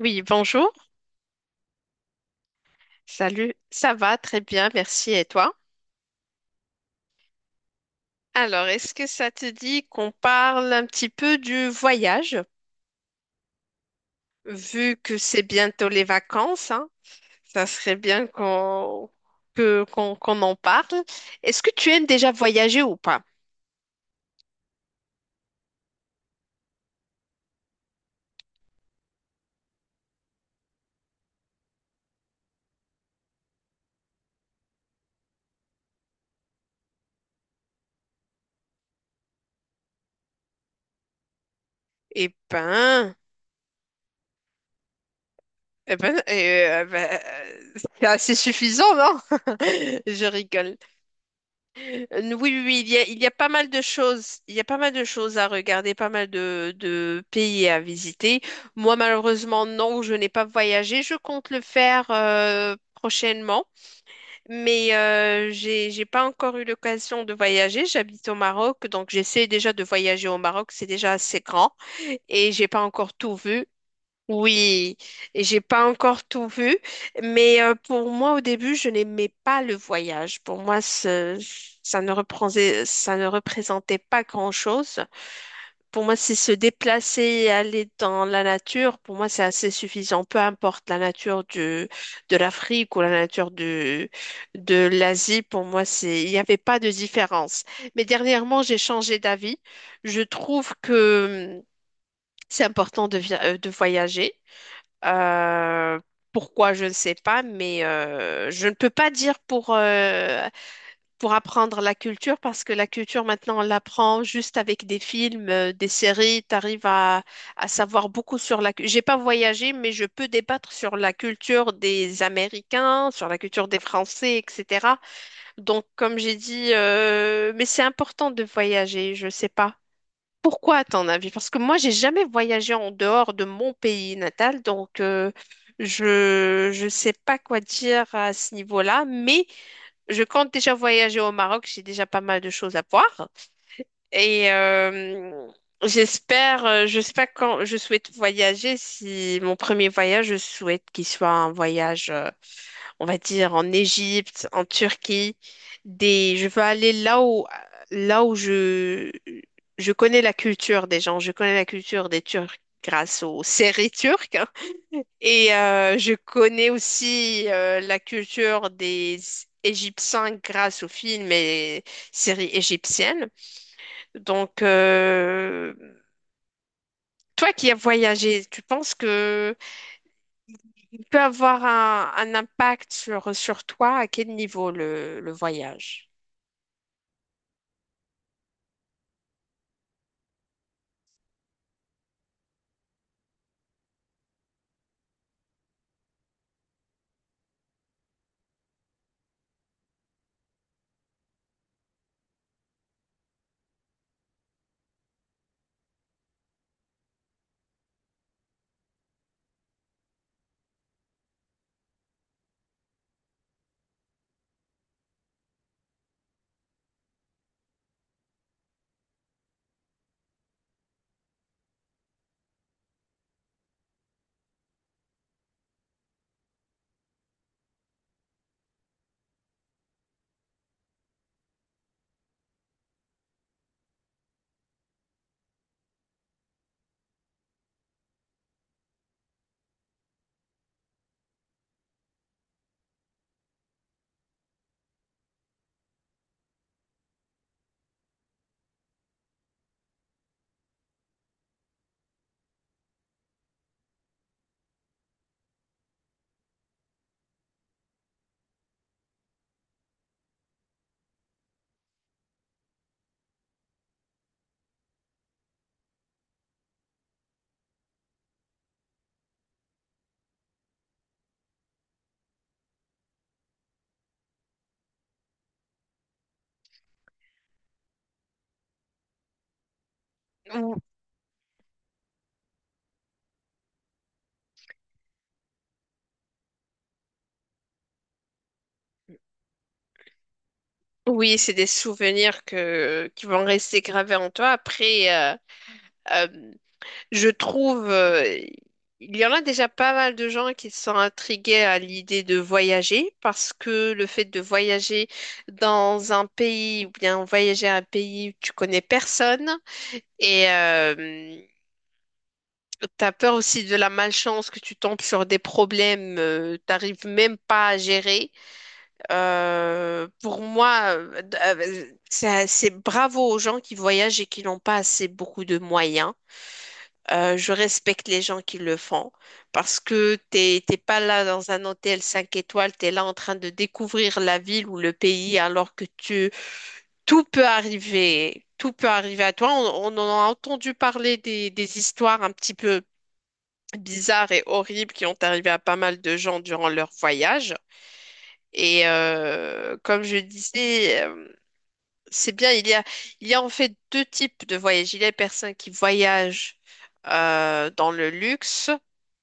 Oui, bonjour. Salut. Ça va très bien, merci. Et toi? Alors, est-ce que ça te dit qu'on parle un petit peu du voyage? Vu que c'est bientôt les vacances, hein, ça serait bien qu'on qu'on en parle. Est-ce que tu aimes déjà voyager ou pas? Eh ben, Eh ben, c'est assez suffisant, non? Je rigole. Oui, oui, oui, il y a pas mal de choses. Il y a pas mal de choses à regarder, pas mal de pays à visiter. Moi, malheureusement, non, je n'ai pas voyagé. Je compte le faire prochainement, mais j'ai pas encore eu l'occasion de voyager. J'habite au Maroc, donc j'essaie déjà de voyager au Maroc. C'est déjà assez grand et j'ai pas encore tout vu. Oui, et j'ai pas encore tout vu, mais pour moi au début, je n'aimais pas le voyage. Pour moi, ça ne représentait pas grand-chose. Pour moi, c'est se déplacer et aller dans la nature. Pour moi, c'est assez suffisant, peu importe la nature de l'Afrique ou la nature de l'Asie. Pour moi, il n'y avait pas de différence. Mais dernièrement, j'ai changé d'avis. Je trouve que c'est important de voyager. Euh, Pourquoi, je ne sais pas, mais je ne peux pas dire pour apprendre la culture, parce que la culture, maintenant, on l'apprend juste avec des films, des séries. Tu arrives à savoir beaucoup sur la culture. J'ai pas voyagé, mais je peux débattre sur la culture des Américains, sur la culture des Français, etc. Donc, comme j'ai dit, mais c'est important de voyager, je sais pas. Pourquoi, à ton avis? Parce que moi, j'ai jamais voyagé en dehors de mon pays natal, donc je sais pas quoi dire à ce niveau-là. Mais je compte déjà voyager au Maroc. J'ai déjà pas mal de choses à voir et j'espère. Je sais pas quand je souhaite voyager. Si mon premier voyage, je souhaite qu'il soit un voyage. On va dire en Égypte, en Turquie, des je veux aller là où je connais la culture des gens, je connais la culture des Turcs grâce aux séries turques hein. Et je connais aussi la culture des Égyptiens grâce aux films et séries égyptiennes. Donc euh, Toi qui as voyagé, tu penses que il peut avoir un impact sur toi? À quel niveau le voyage? Ou- Oui, c'est des souvenirs qui vont rester gravés en toi. Après, euh, je trouve, il y en a déjà pas mal de gens qui sont intrigués à l'idée de voyager parce que le fait de voyager dans un pays ou bien voyager à un pays où tu connais personne et t'as peur aussi de la malchance que tu tombes sur des problèmes, t'arrives même pas à gérer. Pour moi, c'est bravo aux gens qui voyagent et qui n'ont pas assez beaucoup de moyens. Je respecte les gens qui le font parce que t'es pas là dans un hôtel 5 étoiles, tu es là en train de découvrir la ville ou le pays alors que tout peut arriver à toi. On en a entendu parler des histoires un petit peu bizarres et horribles qui ont arrivé à pas mal de gens durant leur voyage. Et comme je disais, c'est bien, il y a en fait deux types de voyages. Il y a les personnes qui voyagent dans le luxe,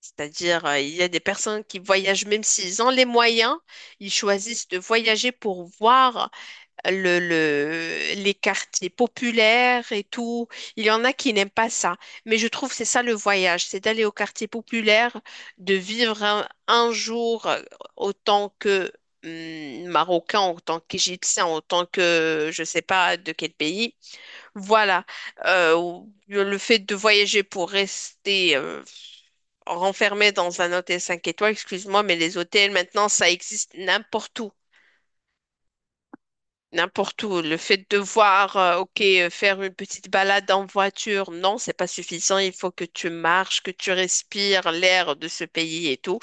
c'est-à-dire il y a des personnes qui voyagent même s'ils ont les moyens, ils choisissent de voyager pour voir les quartiers populaires et tout. Il y en a qui n'aiment pas ça. Mais je trouve que c'est ça le voyage, c'est d'aller au quartier populaire, de vivre un jour autant que Marocain, autant qu'Égyptien, autant que je sais pas de quel pays. Voilà. Le fait de voyager pour rester renfermé dans un hôtel 5 étoiles, excuse-moi, mais les hôtels maintenant, ça existe n'importe où. N'importe où. Le fait de voir, ok, faire une petite balade en voiture, non, c'est pas suffisant. Il faut que tu marches, que tu respires l'air de ce pays et tout.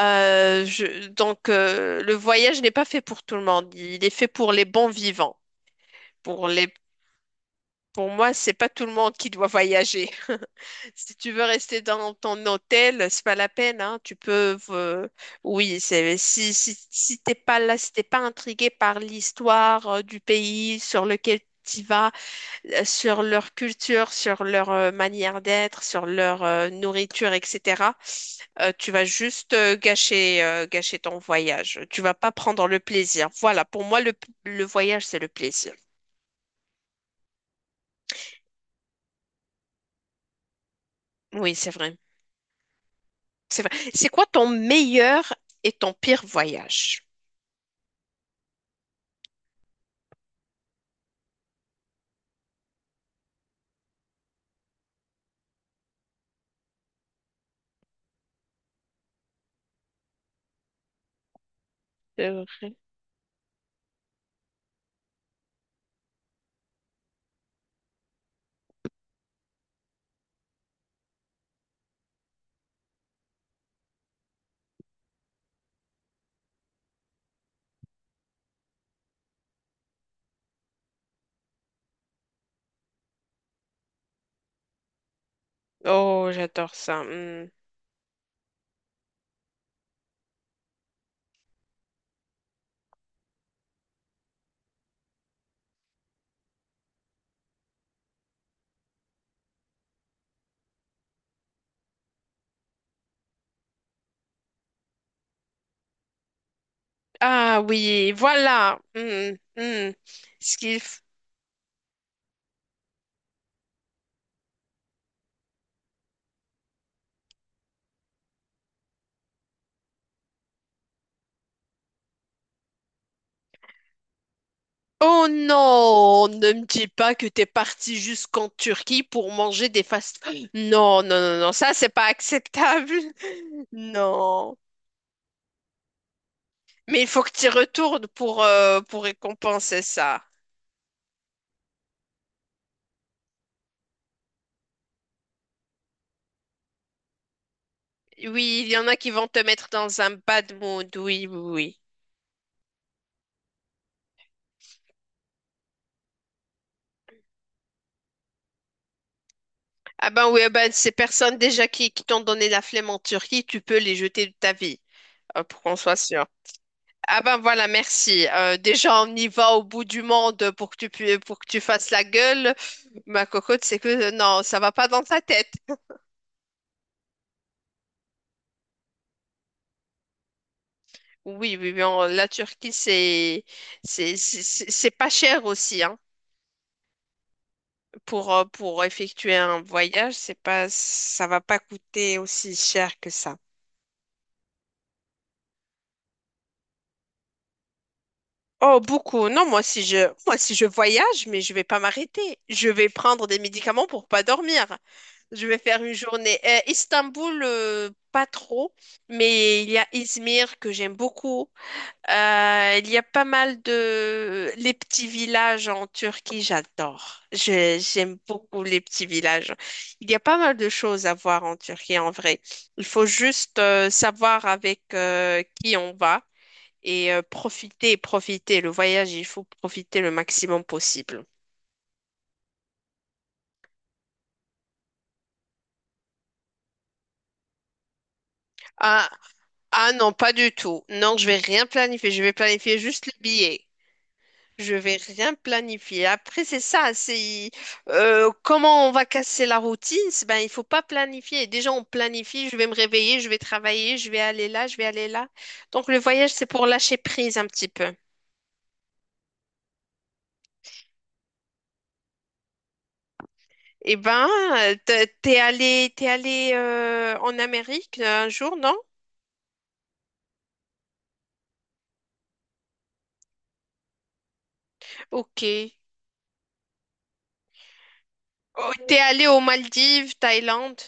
Donc, le voyage n'est pas fait pour tout le monde. Il est fait pour les bons vivants, pour les pour moi, c'est pas tout le monde qui doit voyager. Si tu veux rester dans ton hôtel, c'est pas la peine, hein. Tu peux, oui, c'est si t'es pas là, si t'es pas intrigué par l'histoire du pays sur lequel tu vas, sur leur culture, sur leur manière d'être, sur leur nourriture, etc. Tu vas juste gâcher ton voyage. Tu vas pas prendre le plaisir. Voilà, pour moi, le voyage, c'est le plaisir. Oui, c'est vrai. C'est vrai. C'est quoi ton meilleur et ton pire voyage? C'est vrai. Oh, j'adore ça. Hmm. Ah oui, voilà. Hmm, hmm. Ce qu'il f- Oh non, ne me dis pas que t'es parti jusqu'en Turquie pour manger des fast Non, non, non, non, ça c'est pas acceptable. Non. Mais il faut que tu retournes pour récompenser ça. Oui, il y en a qui vont te mettre dans un bad mood. Oui, oui, oui. Ah ben oui, ah ben ces personnes déjà qui t'ont donné la flemme en Turquie, tu peux les jeter de ta vie. Pour qu'on soit sûr. Ah ben voilà, merci. Déjà, on y va au bout du monde pour que tu fasses la gueule. Ma cocotte, c'est que non, ça va pas dans ta tête. Oui, oui, oui, la Turquie, c'est pas cher aussi, hein. Pour effectuer un voyage, c'est pas ça va pas coûter aussi cher que ça. Oh, beaucoup. Non, moi si je voyage, mais je vais pas m'arrêter. Je vais prendre des médicaments pour pas dormir. Je vais faire une journée. Istanbul, pas trop, mais il y a Izmir que j'aime beaucoup. Il y a pas mal de... Les petits villages en Turquie, j'adore. J'aime beaucoup les petits villages. Il y a pas mal de choses à voir en Turquie, en vrai. Il faut juste savoir avec qui on va et profiter, profiter. Le voyage, il faut profiter le maximum possible. Ah, Ah non, pas du tout. Non, je vais rien planifier. Je vais planifier juste les billets. Je vais rien planifier. Après, c'est ça. C'est comment on va casser la routine. Ben, il faut pas planifier. Déjà, on planifie. Je vais me réveiller. Je vais travailler. Je vais aller là. Je vais aller là. Donc, le voyage, c'est pour lâcher prise un petit peu. Eh ben, t'es allé en Amérique un jour, non? Ok. Oh, t'es allé aux Maldives, Thaïlande.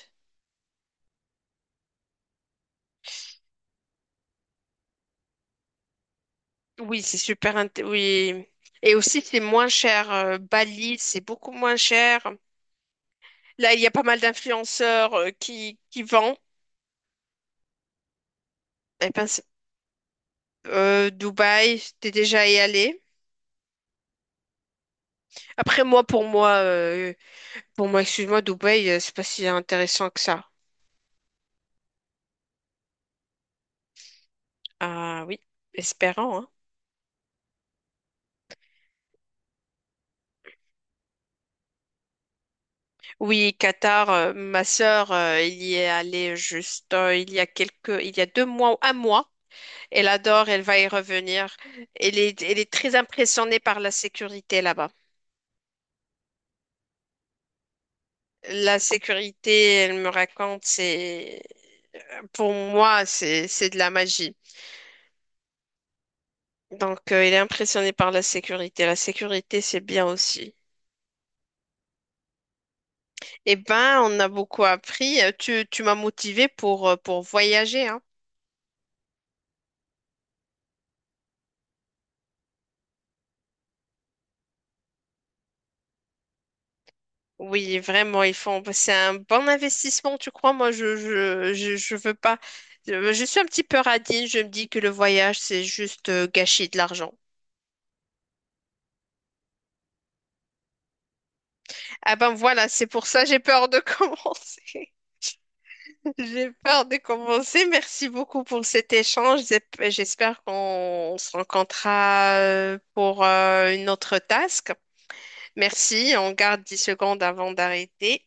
Oui. Et aussi, c'est moins cher. Bali, c'est beaucoup moins cher. Là, il y a pas mal d'influenceurs qui vendent. Eh ben, Dubaï, t'es déjà y allé. Après, moi, pour moi, excuse-moi, Dubaï, c'est pas si intéressant que ça. Ah oui, espérant, hein. Oui, Qatar, ma sœur, il y est allée juste, il y a 2 mois ou un mois. Elle adore, elle va y revenir. Elle est très impressionnée par la sécurité là-bas. La sécurité, elle me raconte, pour moi, c'est de la magie. Donc, elle est impressionnée par la sécurité. La sécurité, c'est bien aussi. Eh ben, on a beaucoup appris. Tu m'as motivée pour voyager, hein. Oui, vraiment, c'est un bon investissement, tu crois? Moi, je veux pas. Je suis un petit peu radine. Je me dis que le voyage, c'est juste gâcher de l'argent. Ah ben voilà, c'est pour ça j'ai peur de commencer. J'ai peur de commencer. Merci beaucoup pour cet échange. J'espère qu'on se rencontrera pour une autre task. Merci, on garde 10 secondes avant d'arrêter.